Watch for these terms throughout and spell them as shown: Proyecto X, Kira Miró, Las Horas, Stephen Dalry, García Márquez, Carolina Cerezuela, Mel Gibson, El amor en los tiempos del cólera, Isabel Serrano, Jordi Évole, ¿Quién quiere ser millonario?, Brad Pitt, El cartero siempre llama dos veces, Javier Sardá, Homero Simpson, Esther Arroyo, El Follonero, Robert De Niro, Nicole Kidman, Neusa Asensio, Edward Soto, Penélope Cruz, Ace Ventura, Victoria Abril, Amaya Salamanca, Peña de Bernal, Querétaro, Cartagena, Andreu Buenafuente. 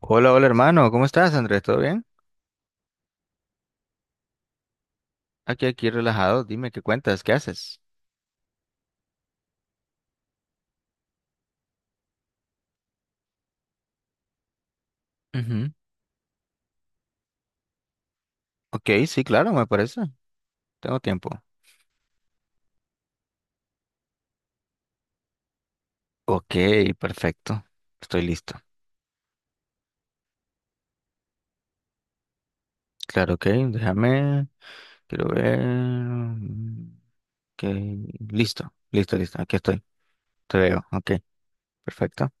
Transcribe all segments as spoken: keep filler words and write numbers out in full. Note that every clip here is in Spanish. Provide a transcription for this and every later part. Hola, hola hermano, ¿cómo estás, Andrés? ¿Todo bien? Aquí, aquí relajado, dime qué cuentas, qué haces. Ujú. Ok, sí, claro, me parece. Tengo tiempo. Ok, perfecto. Estoy listo. Claro, ok, déjame. Quiero ver. mm, Ok, listo, listo, listo. Aquí estoy. Te veo. Ok, perfecto.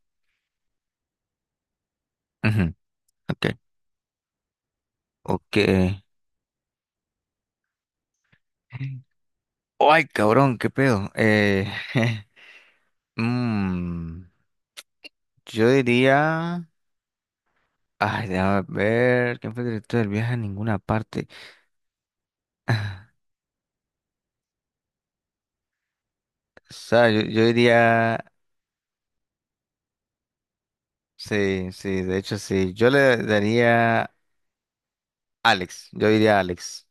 Ujú, Ok, ok. Ay, cabrón, qué pedo. Eh, mm, yo diría. Ay, déjame ver. ¿Quién fue el director del viaje a ninguna parte? O sea, yo, yo diría. Sí, sí, de hecho sí. Yo le daría Alex. Yo diría Alex.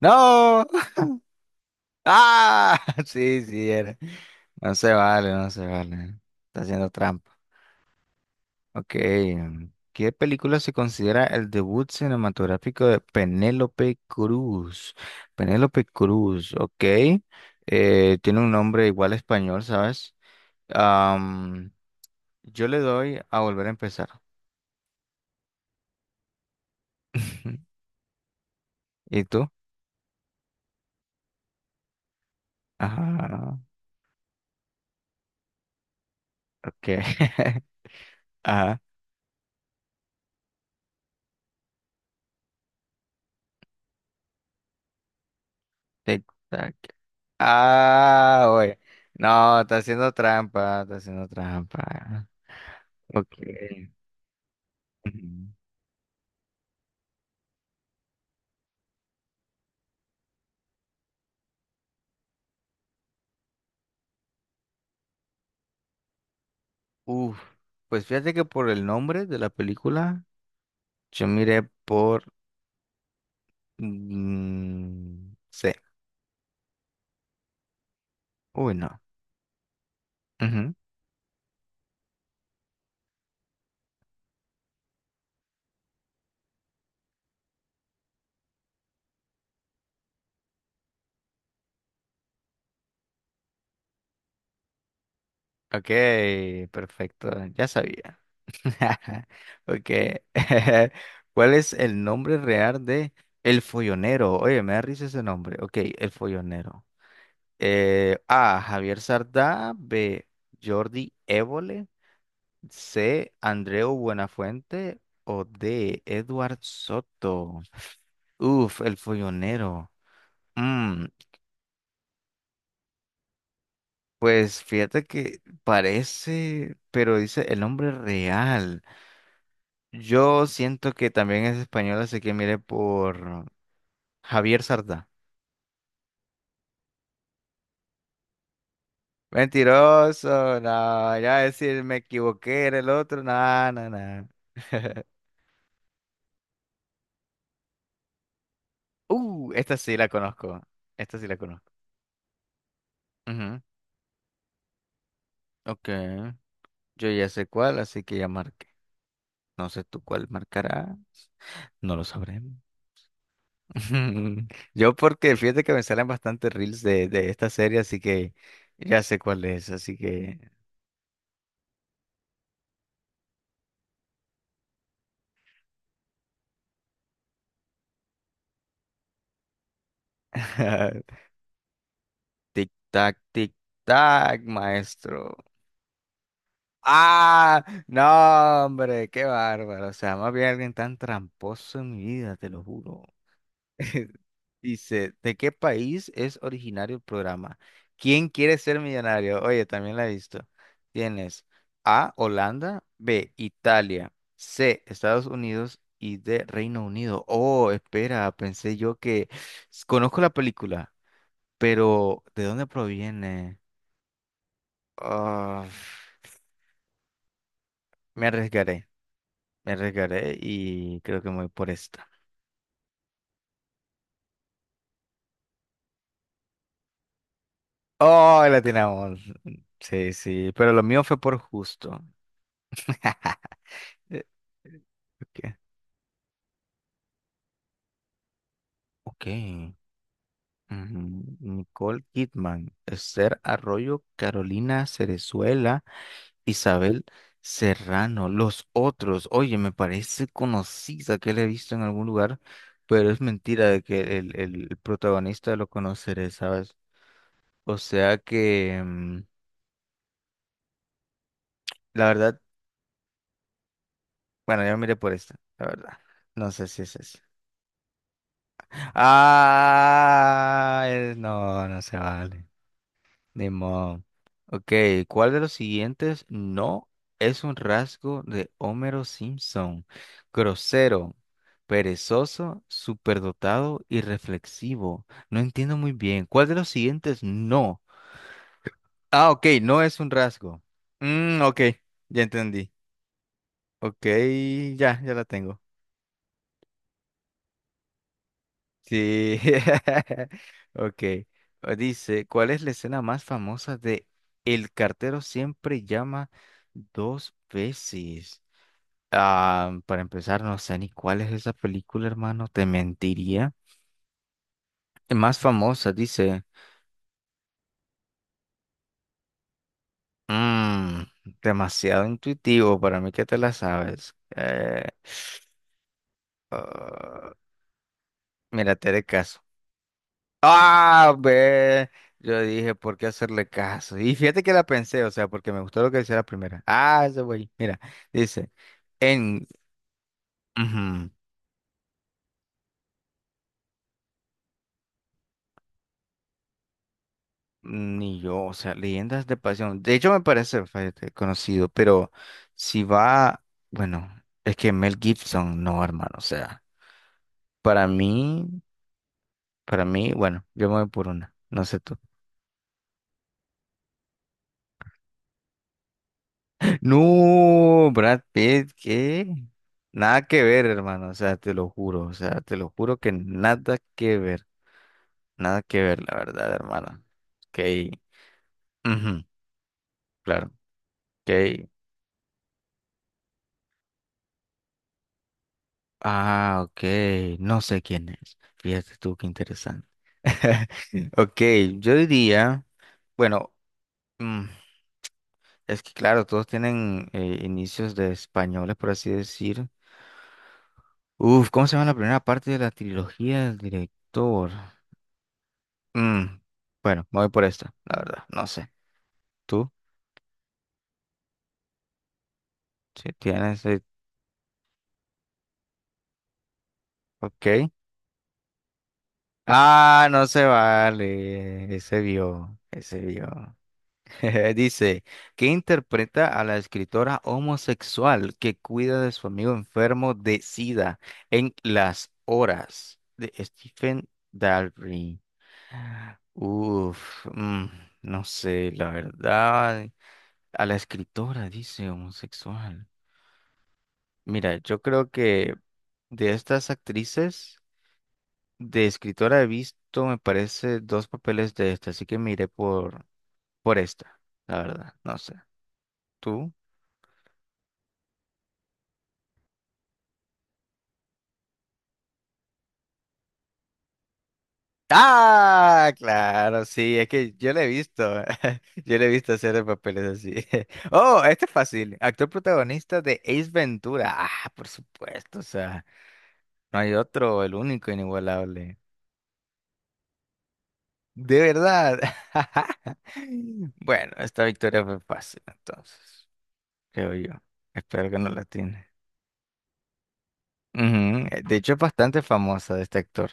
¡No! ¡Ah! Sí, sí, era. No se vale, no se vale. Está haciendo trampa. Ok. mm, ¿Qué película se considera el debut cinematográfico de Penélope Cruz? Penélope Cruz, ok. Eh, tiene un nombre igual español, ¿sabes? Am, yo le doy a volver a empezar. ¿Y tú? Ajá, ok. Ajá, tic, tac. Ah, oye. No, está haciendo trampa, está haciendo trampa. Ok. Ujú. Uf, pues fíjate que por el nombre de la película, yo miré por mm, C. Uy, no. Ujú. Ok, perfecto, ya sabía. Porque, ¿cuál es el nombre real de El Follonero? Oye, me da risa ese nombre. Ok, El Follonero. Eh, A. Javier Sardá. B. Jordi Évole. C. Andreu Buenafuente. O D. Edward Soto. Uf, El Follonero. Mm, pues fíjate que parece, pero dice el nombre real. Yo siento que también es español, así que mire por... Javier Sardá. Mentiroso, no, ya decir me equivoqué, era el otro, no, no, no. Uh, esta sí la conozco, esta sí la conozco. Ujú, Ok, yo ya sé cuál, así que ya marqué. No sé tú cuál marcará, no lo sabremos. Yo porque fíjate que me salen bastante reels de, de esta serie, así que ya sé cuál es, así que... Tic tac, tic tac, maestro. Ah, no, hombre, qué bárbaro. O sea, más bien alguien tan tramposo en mi vida, te lo juro. Dice, ¿de qué país es originario el programa? ¿Quién quiere ser millonario? Oye, también la he visto. Tienes A, Holanda, B, Italia, C, Estados Unidos y D, Reino Unido. Oh, espera, pensé yo que s- conozco la película, pero ¿de dónde proviene? Ah, me arriesgaré. Me arriesgaré y creo que me voy por esta. ¡Oh, la tenemos! Sí, sí, pero lo mío fue por justo. Eh, Ok. Ok. Ujú. Nicole Kidman, Esther Arroyo, Carolina Cerezuela, Isabel Serrano, los otros. Oye, me parece conocida que la he visto en algún lugar, pero es mentira de que el, el protagonista lo conoceré, ¿sabes? O sea que mm, la verdad Bueno, yo miré por esta, la verdad. No sé si es esa. Ah, es- no, no se vale. Ni modo. Ok, ¿cuál de los siguientes no es un rasgo de Homero Simpson? Grosero, perezoso, superdotado y reflexivo. No entiendo muy bien. ¿Cuál de los siguientes no? Ah, ok, no es un rasgo. Mm, ok, ya entendí. Ok, ya, ya la tengo. Sí. Ok. Pues Dice, ¿cuál es la escena más famosa de El cartero siempre llama dos veces? Ah, para empezar, no sé ni cuál es esa película, hermano. Te mentiría. Más famosa, dice. Mm, demasiado intuitivo para mí que te la sabes. Eh, ah, mira, te haré caso. Ah, ve. Yo dije, ¿por qué hacerle caso? Y fíjate que la pensé, o sea, porque me gustó lo que decía la primera. Ah, ese güey. Mira, dice, en... ujú, Ni yo, o sea, leyendas de pasión. De hecho, me parece, fíjate, conocido, pero si va, bueno, es que Mel Gibson, no, hermano, o sea, para mí, para mí, bueno, yo me voy por una, no sé tú. No, Brad Pitt, ¿qué? Nada que ver, hermano, o sea, te lo juro, o sea, te lo juro que nada que ver, nada que ver, la verdad, hermano. Ok, ujú, claro, ok. Ah, ok, no sé quién es. Fíjate tú, qué interesante. Ok, yo diría, bueno, mm, es que claro, todos tienen eh, inicios de españoles, por así decir. Uf, ¿cómo se llama la primera parte de la trilogía del director? Mm, bueno, me voy por esta, la verdad, no sé. ¿Tú? Si tienes... eh, Ok. Ah, no se vale. Ese vio, ese vio. Dice, que interpreta a la escritora homosexual que cuida de su amigo enfermo de SIDA en Las Horas de Stephen Dalry? Uf, mm, no sé, la verdad. A la escritora, dice homosexual. Mira, yo creo que de estas actrices, de escritora he visto, me parece, dos papeles de esta, así que me iré por, por esta, la verdad, no sé. ¿Tú? Ah, claro, sí, es que yo la he visto, yo la he visto hacer papeles así. Oh, este es fácil, actor protagonista de Ace Ventura. Ah, por supuesto, o sea, no hay otro, el único inigualable. De verdad. Bueno, esta victoria fue fácil, entonces. Creo yo. Espero que no la tiene. Ujú, eh, de hecho, es bastante famosa de este actor,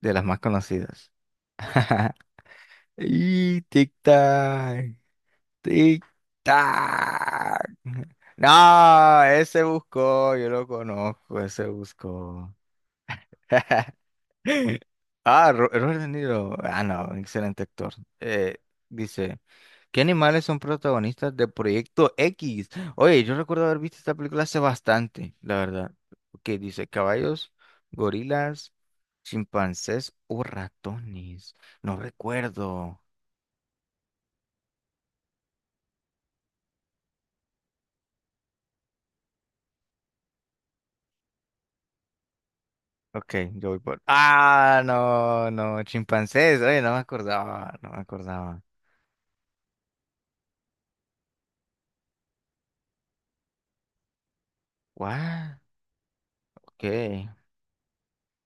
de las más conocidas. Y tic-tac, tic-tac. No, ese buscó, yo lo conozco, ese buscó. Ah, Ro- Robert De Niro. Ah, no, excelente actor. Eh, dice, ¿qué animales son protagonistas de Proyecto X? Oye, yo recuerdo haber visto esta película hace bastante, la verdad. Que dice caballos, gorilas, chimpancés o ratones. No recuerdo. Ok, yo voy por... Ah, no, no, chimpancés. Oye, no me acordaba, no me acordaba. What? Ok.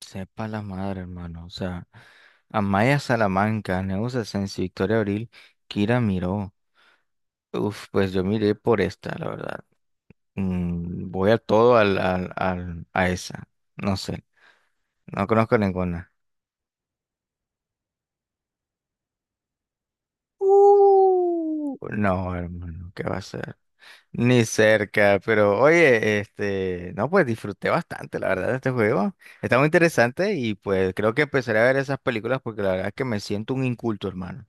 Sepa la madre, hermano. O sea, Amaya Salamanca, Neusa Asensio, Victoria Abril, Kira Miró. Uf, pues yo miré por esta, la verdad. Mm, voy a todo al, al, al- a esa. No sé, no conozco ninguna. Uh, no, hermano, ¿qué va a ser? Ni cerca, pero oye, este, no, pues disfruté bastante, la verdad, de este juego. Está muy interesante y pues creo que empezaré a ver esas películas porque la verdad es que me siento un inculto, hermano.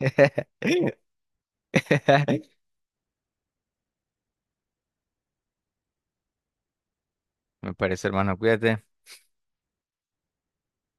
Me parece, hermano, cuídate.